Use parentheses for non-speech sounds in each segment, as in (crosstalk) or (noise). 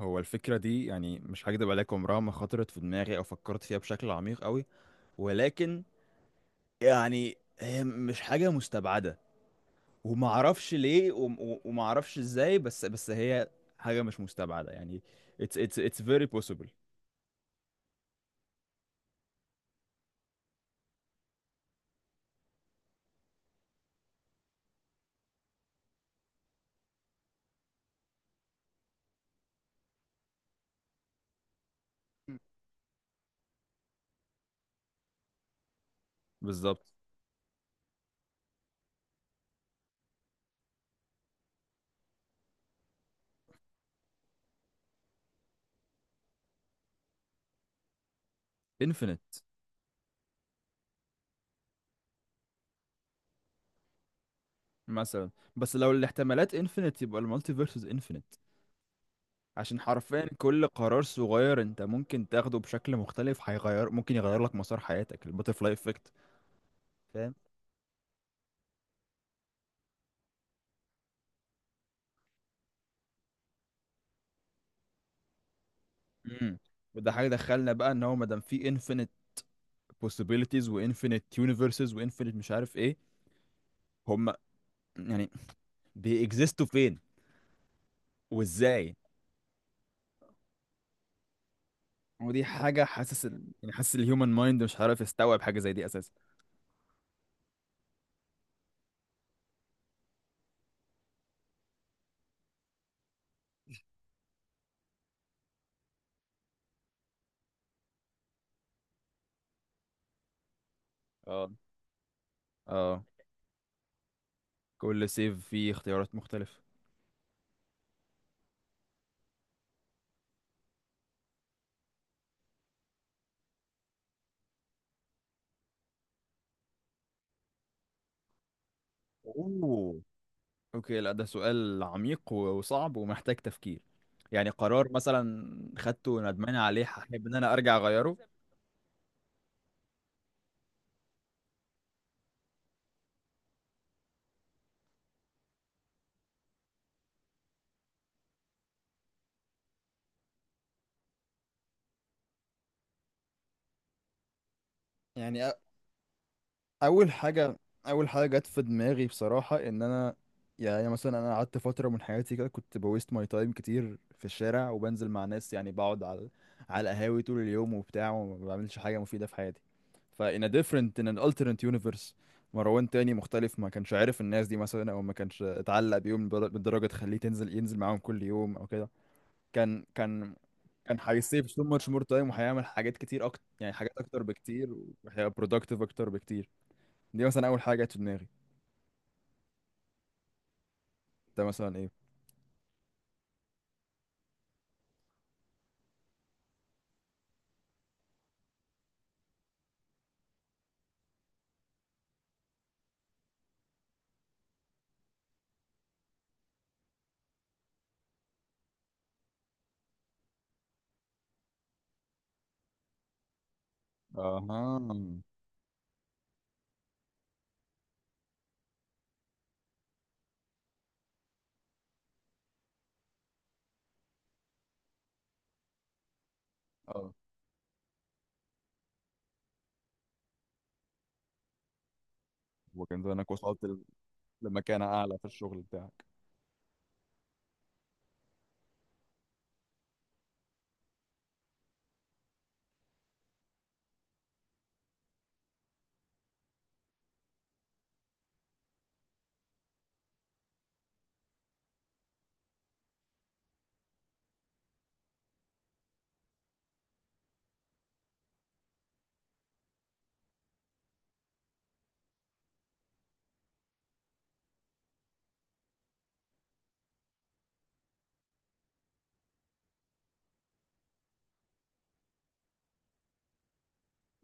هو الفكرة دي، يعني مش هكدب عليك، عمرها ما خطرت في دماغي أو فكرت فيها بشكل عميق أوي. ولكن يعني هي مش حاجة مستبعدة، ومعرفش ليه ومعرفش إزاي. بس هي حاجة مش مستبعدة، يعني it's very possible. بالظبط. Infinite. مثلا. بس لو الاحتمالات infinite يبقى المالتيفيرس infinite، عشان حرفيا كل قرار صغير انت ممكن تاخده بشكل مختلف هيغير، ممكن يغير لك مسار حياتك، الباترفلاي افكت. امم. وده حاجه دخلنا بقى، ان هو ما دام في انفينيت possibilities وانفينيت يونيفرسز وانفينيت مش عارف ايه، هم يعني بيكزيستوا فين وازاي؟ ودي حاجه، حاسس يعني حاسس الهيومن مايند مش عارف يستوعب حاجه زي دي اساسا. اه، اه. كل سيف فيه اختيارات مختلفه. اوه. اوكي، لا ده سؤال عميق وصعب ومحتاج تفكير. يعني قرار مثلا خدته ندمان عليه، هحب ان انا ارجع اغيره. يعني اول حاجه، اول حاجه جت في دماغي بصراحه، ان انا يعني مثلا انا قعدت فتره من حياتي كده، كنت بويست ماي تايم كتير في الشارع، وبنزل مع ناس، يعني بقعد على القهاوي طول اليوم وبتاع، وما بعملش حاجه مفيده في حياتي. ف in a different, in an alternate universe مروان تاني مختلف، ما كانش عارف الناس دي مثلا، او ما كانش اتعلق بيهم بالدرجه تخليه تنزل، ينزل معاهم كل يوم او كده. كان كان كان هيسيف so much more time، وهيعمل حاجات كتير اكتر، يعني حاجات اكتر بكتير، وهيبقى productive اكتر بكتير. دي مثلا اول حاجه جت في دماغي. ده مثلا ايه. اها. اه. وكان زمانك وصلت لمكانه اعلى في الشغل بتاعك.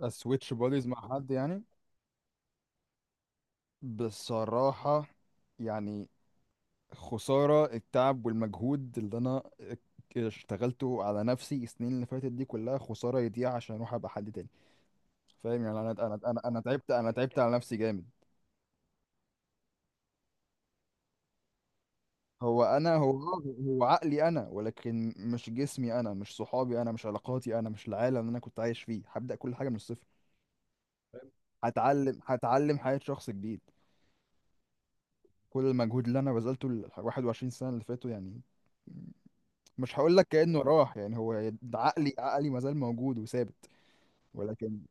اسويتش بوديز مع حد يعني؟ بصراحة يعني، خسارة التعب والمجهود اللي انا اشتغلته على نفسي السنين اللي فاتت دي كلها، خسارة يضيع عشان اروح ابقى حد تاني. فاهم يعني؟ انا انا انا أنا تعبت، انا تعبت على نفسي جامد. هو انا، هو هو عقلي انا، ولكن مش جسمي انا، مش صحابي انا، مش علاقاتي انا، مش العالم اللي انا كنت عايش فيه. هبدأ كل حاجة من الصفر، هتعلم، هتعلم حياة شخص جديد. كل المجهود اللي انا بذلته ال 21 سنة اللي فاتوا، يعني مش هقول لك كأنه راح، يعني هو ده عقلي. عقلي ما زال موجود وثابت، ولكن.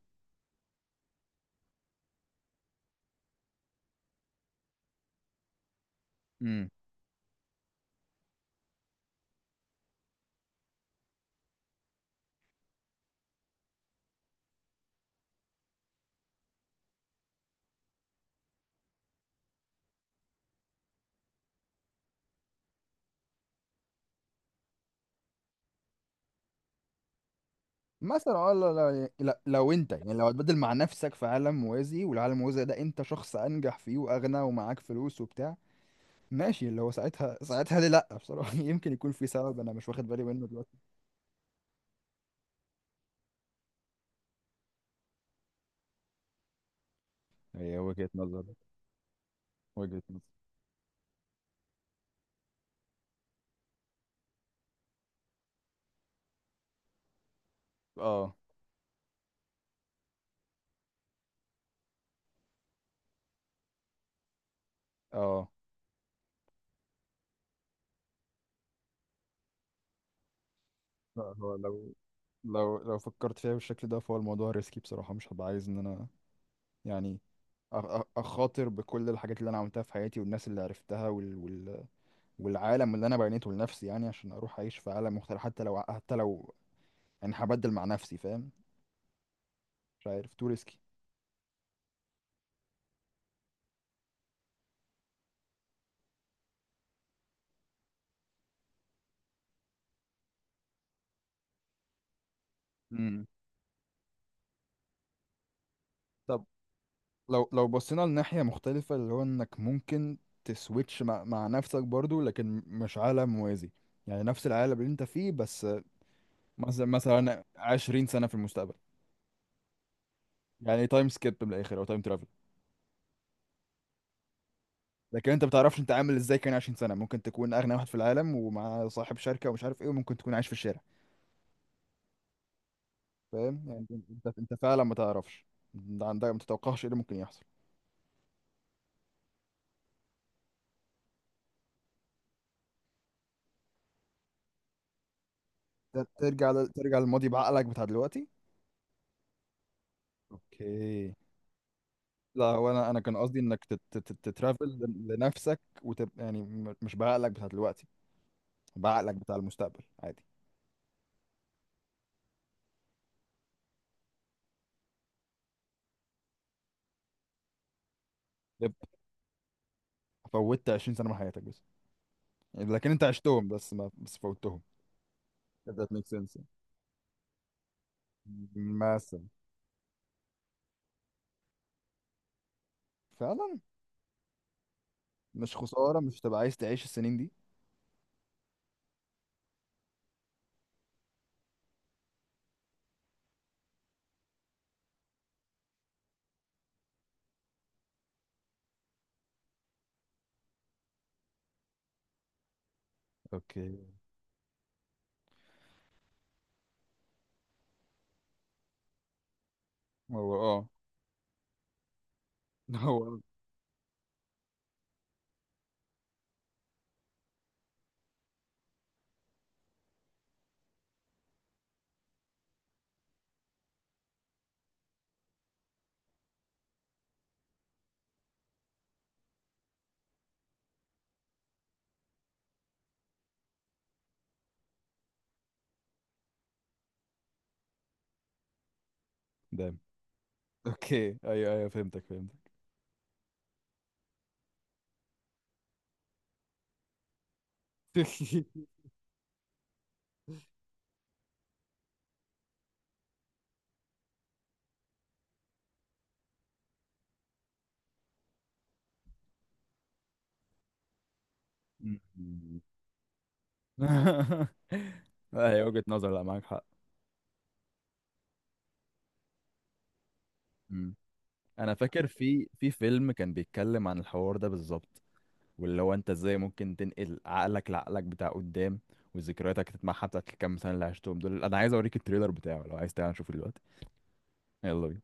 امم، مثلا. اه، لو انت يعني، لو هتبدل مع نفسك في عالم موازي، والعالم الموازي ده انت شخص انجح فيه واغنى ومعاك فلوس وبتاع، ماشي. اللي هو ساعتها ليه لا؟ بصراحة (laughs) يمكن يكون في سبب انا مش واخد بالي منه دلوقتي. هي وجهة نظر، وجهة نظر. اه، اه. لا، هو لو، لو فكرت فيها بالشكل ده فهو الموضوع ريسكي بصراحة، مش هبقى عايز ان انا يعني اخاطر بكل الحاجات اللي انا عملتها في حياتي والناس اللي عرفتها والعالم اللي انا بنيته لنفسي، يعني عشان اروح اعيش في عالم مختلف، حتى لو، حتى لو يعني هبدل مع نفسي، فاهم؟ مش عارف، تو ريسكي. لو بصينا لناحية مختلفة، اللي هو انك ممكن تسويتش مع نفسك برضو، لكن مش عالم موازي، يعني نفس العالم اللي انت فيه بس. مثلا 20 سنة في المستقبل، يعني تايم سكيب من الاخر، او تايم ترافل. لكن انت ما بتعرفش انت عامل ازاي. كان 20 سنة ممكن تكون اغنى واحد في العالم ومع صاحب شركة ومش عارف ايه، وممكن تكون عايش في الشارع. فاهم يعني؟ انت فعلا ما تعرفش، انت عندك، ما تتوقعش ايه اللي ممكن يحصل. ترجع للماضي بعقلك بتاع دلوقتي. اوكي. لا هو انا، انا كان قصدي انك تترافل لنفسك، وتبقى يعني مش بعقلك بتاع دلوقتي، بعقلك بتاع المستقبل عادي. يبقى فوتت 20 سنه من حياتك بس، يعني لكن انت عشتهم، بس ما بس فوتهم. If that makes sense. مثلا. فعلا. مش خساره؟ مش تبقى عايز تعيش السنين دي؟ اوكي. هو اه. (laughs) هو آه. دايما. اوكي، ايوه، ايوه، فهمتك، فهمتك. (laughs) (laughs) ايوه، وجهة نظر، لا معاك حق. انا فاكر في فيلم كان بيتكلم عن الحوار ده بالظبط، واللي هو انت ازاي ممكن تنقل عقلك لعقلك بتاع قدام، وذكرياتك تتمحى بتاعت الكام سنه اللي عشتهم دول. انا عايز اوريك التريلر بتاعه، لو عايز تعالى نشوفه دلوقتي. يلا بينا.